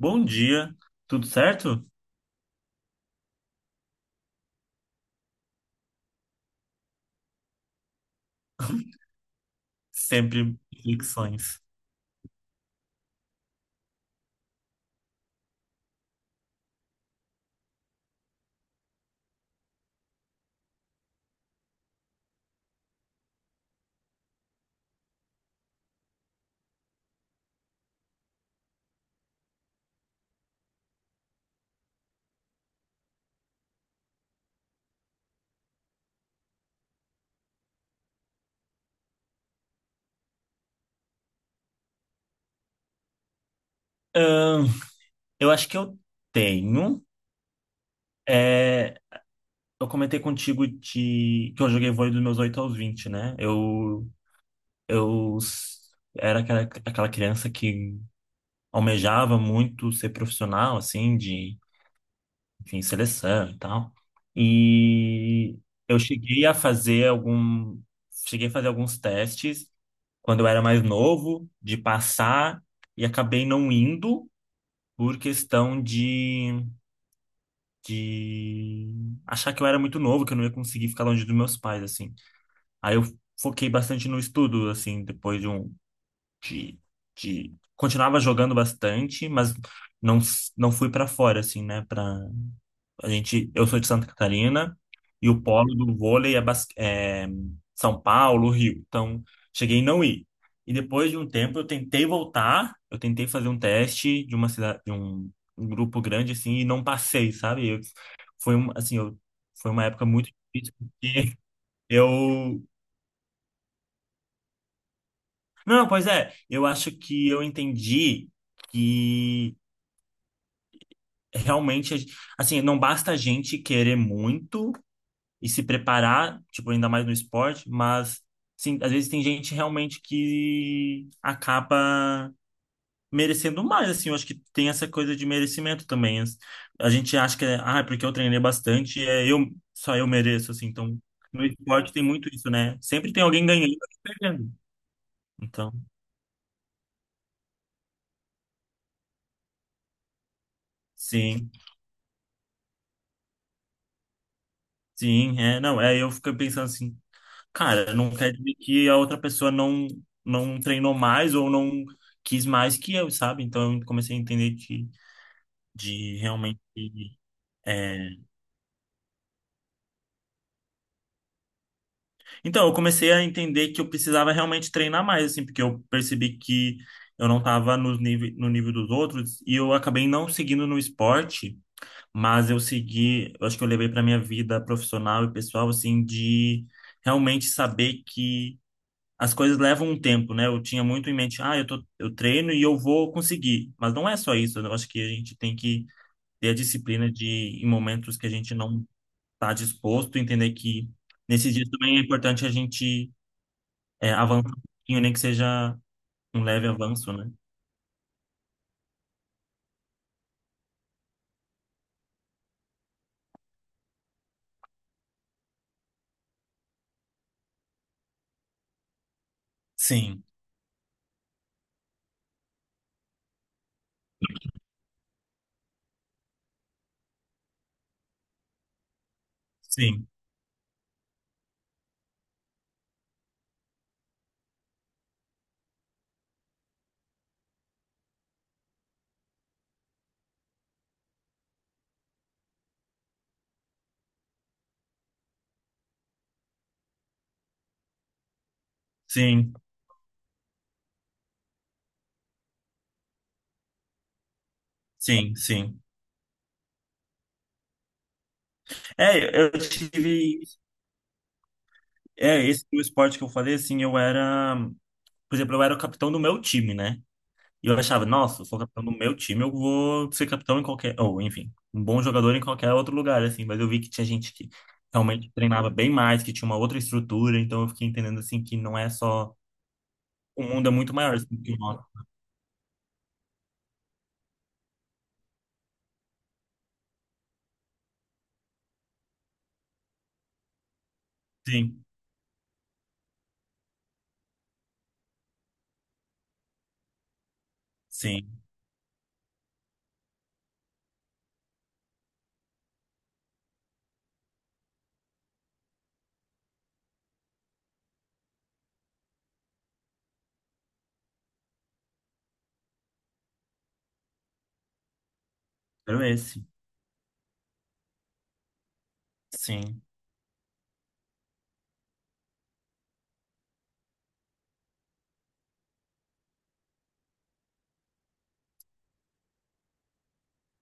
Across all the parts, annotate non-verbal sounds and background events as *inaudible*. Bom dia, tudo certo? *laughs* Sempre reflexões. Ahn, eu acho que eu tenho. É, eu comentei contigo de, que eu joguei vôlei dos meus 8 aos 20, né? Eu era aquela criança que almejava muito ser profissional, assim, de, enfim, seleção e tal. E eu cheguei a fazer algum, cheguei a fazer alguns testes quando eu era mais novo, de passar, e acabei não indo por questão de achar que eu era muito novo, que eu não ia conseguir ficar longe dos meus pais, assim. Aí eu foquei bastante no estudo, assim, depois de um. De, de... continuava jogando bastante, mas não, não fui para fora, assim, né? A gente, eu sou de Santa Catarina, e o polo do vôlei é São Paulo, Rio. Então, cheguei em não ir. E depois de um tempo eu tentei voltar, eu tentei fazer um teste de uma cidade, de um, um grupo grande assim e não passei, sabe? Eu- foi um, assim, eu, Foi uma época muito difícil porque *laughs* eu não, pois é, eu acho que eu entendi que realmente, assim, não basta a gente querer muito e se preparar, tipo, ainda mais no esporte, mas sim, às vezes tem gente realmente que acaba merecendo mais, assim. Eu acho que tem essa coisa de merecimento também. A gente acha que é, ah, é porque eu treinei bastante, só eu mereço, assim. Então no esporte tem muito isso, né? Sempre tem alguém ganhando e alguém perdendo. Então, sim, sim, é, não, é, eu fico pensando assim, cara, não quer dizer que a outra pessoa não treinou mais ou não quis mais que eu, sabe? Então eu comecei a entender que de realmente. É. Então, eu comecei a entender que eu precisava realmente treinar mais, assim, porque eu percebi que eu não estava no nível dos outros e eu acabei não seguindo no esporte, mas eu segui, eu acho que eu levei para minha vida profissional e pessoal, assim, de realmente saber que as coisas levam um tempo, né? Eu tinha muito em mente, ah, eu tô, eu treino e eu vou conseguir, mas não é só isso. Eu acho que a gente tem que ter a disciplina de, em momentos que a gente não estar disposto, entender que nesses dias também é importante a gente avançar um pouquinho, nem que seja um leve avanço, né? Sim, sim, sim, sim, sim. É, eu tive. É, esse o esporte que eu falei, assim, eu era. Por exemplo, eu era o capitão do meu time, né? E eu achava, nossa, eu sou capitão do meu time, eu vou ser capitão em qualquer. Ou, enfim, um bom jogador em qualquer outro lugar, assim. Mas eu vi que tinha gente que realmente treinava bem mais, que tinha uma outra estrutura, então eu fiquei entendendo, assim, que não é só. O mundo é muito maior do que o nosso. Sim, sim. Quero esse. Sim,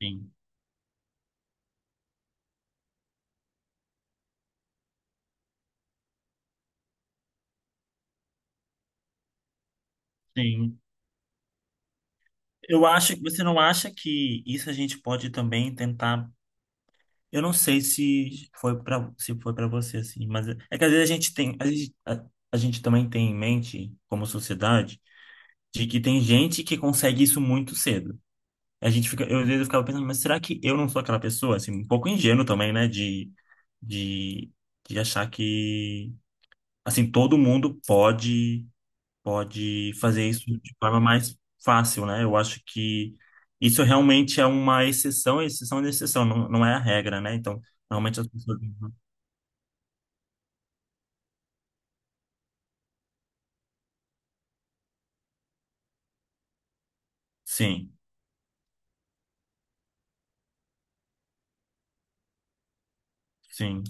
sim, sim. Eu acho que você não acha que isso a gente pode também tentar. Eu não sei se foi para você assim, mas é que às vezes a gente também tem em mente como sociedade de que tem gente que consegue isso muito cedo. A gente fica, eu às vezes eu ficava pensando, mas será que eu não sou aquela pessoa assim, um pouco ingênuo também, né, de de achar que assim todo mundo pode fazer isso de forma mais fácil, né? Eu acho que isso realmente é uma exceção, exceção de exceção, não, não é a regra, né? Então, realmente as pessoas. Sim, sim.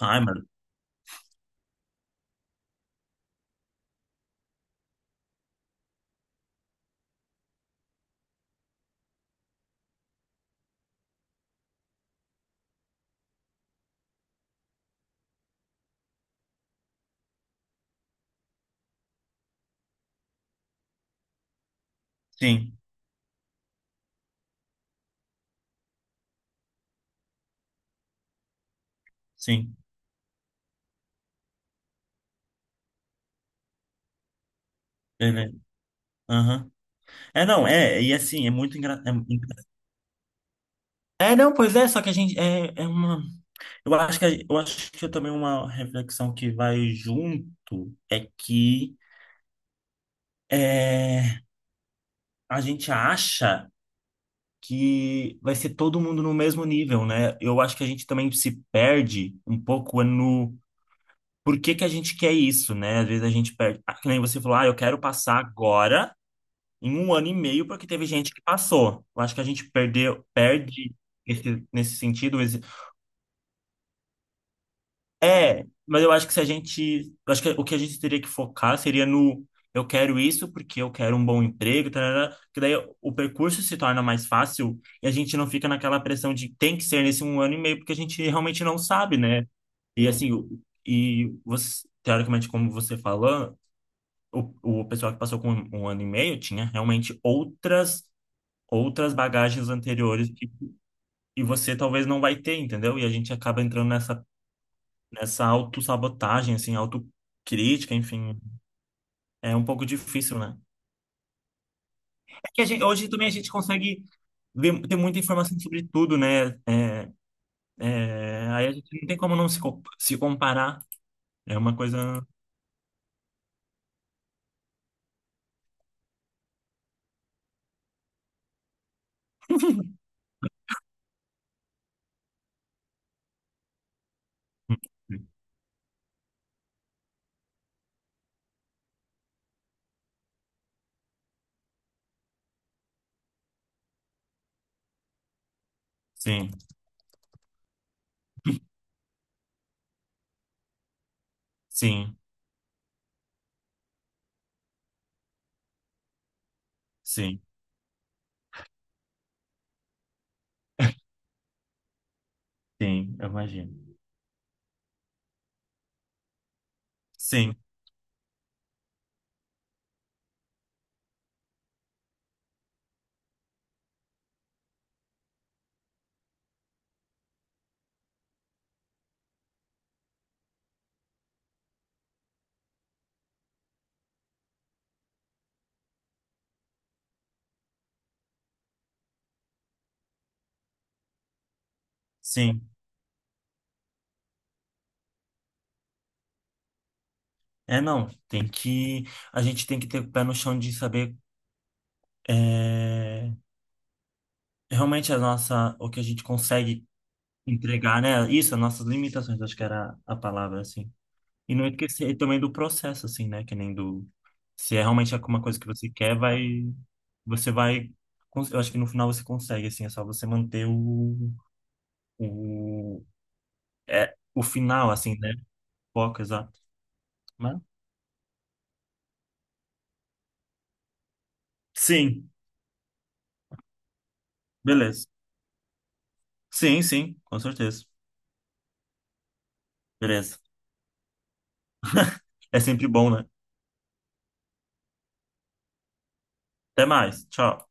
Ai, mano. Sim, sim. Beleza. Aham. É, não, é, e assim, é muito engraçado. É, é, não, pois é, só que a gente. É, é uma. Eu acho que, eu acho que também uma reflexão que vai junto é que é, a gente acha que vai ser todo mundo no mesmo nível, né? Eu acho que a gente também se perde um pouco no por que que a gente quer isso, né? Às vezes a gente perde. Ah, que nem você falou, ah, eu quero passar agora em um ano e meio porque teve gente que passou. Eu acho que a gente perdeu, perde nesse sentido. É, mas eu acho que se a gente. Eu acho que o que a gente teria que focar seria no. Eu quero isso porque eu quero um bom emprego, tarará, que daí o percurso se torna mais fácil e a gente não fica naquela pressão de tem que ser nesse um ano e meio, porque a gente realmente não sabe, né? E assim, o- e você, teoricamente, como você falou, o, o pessoal que passou com um ano e meio tinha realmente outras bagagens anteriores que, e você talvez não vai ter, entendeu? E a gente acaba entrando nessa autossabotagem, assim, autocrítica, enfim, é um pouco difícil, né? É que a gente, hoje também a gente consegue ver, ter muita informação sobre tudo, né? É, é, aí a gente não tem como não se comparar. É uma coisa. Sim, sim, sim, sim, eu imagino. Sim, sim. É, não, tem que. A gente tem que ter o pé no chão de saber é, realmente a nossa, o que a gente consegue entregar, né? Isso, as nossas limitações, acho que era a palavra, assim. E não esquecer também do processo, assim, né? Que nem do. Se é realmente alguma coisa que você quer, vai. Você vai. Eu acho que no final você consegue, assim, é só você manter O, o final, assim, né? Foco, exato. Mas- Sim, beleza. Sim, sim, com certeza. Beleza. É sempre bom, né? Até mais. Tchau.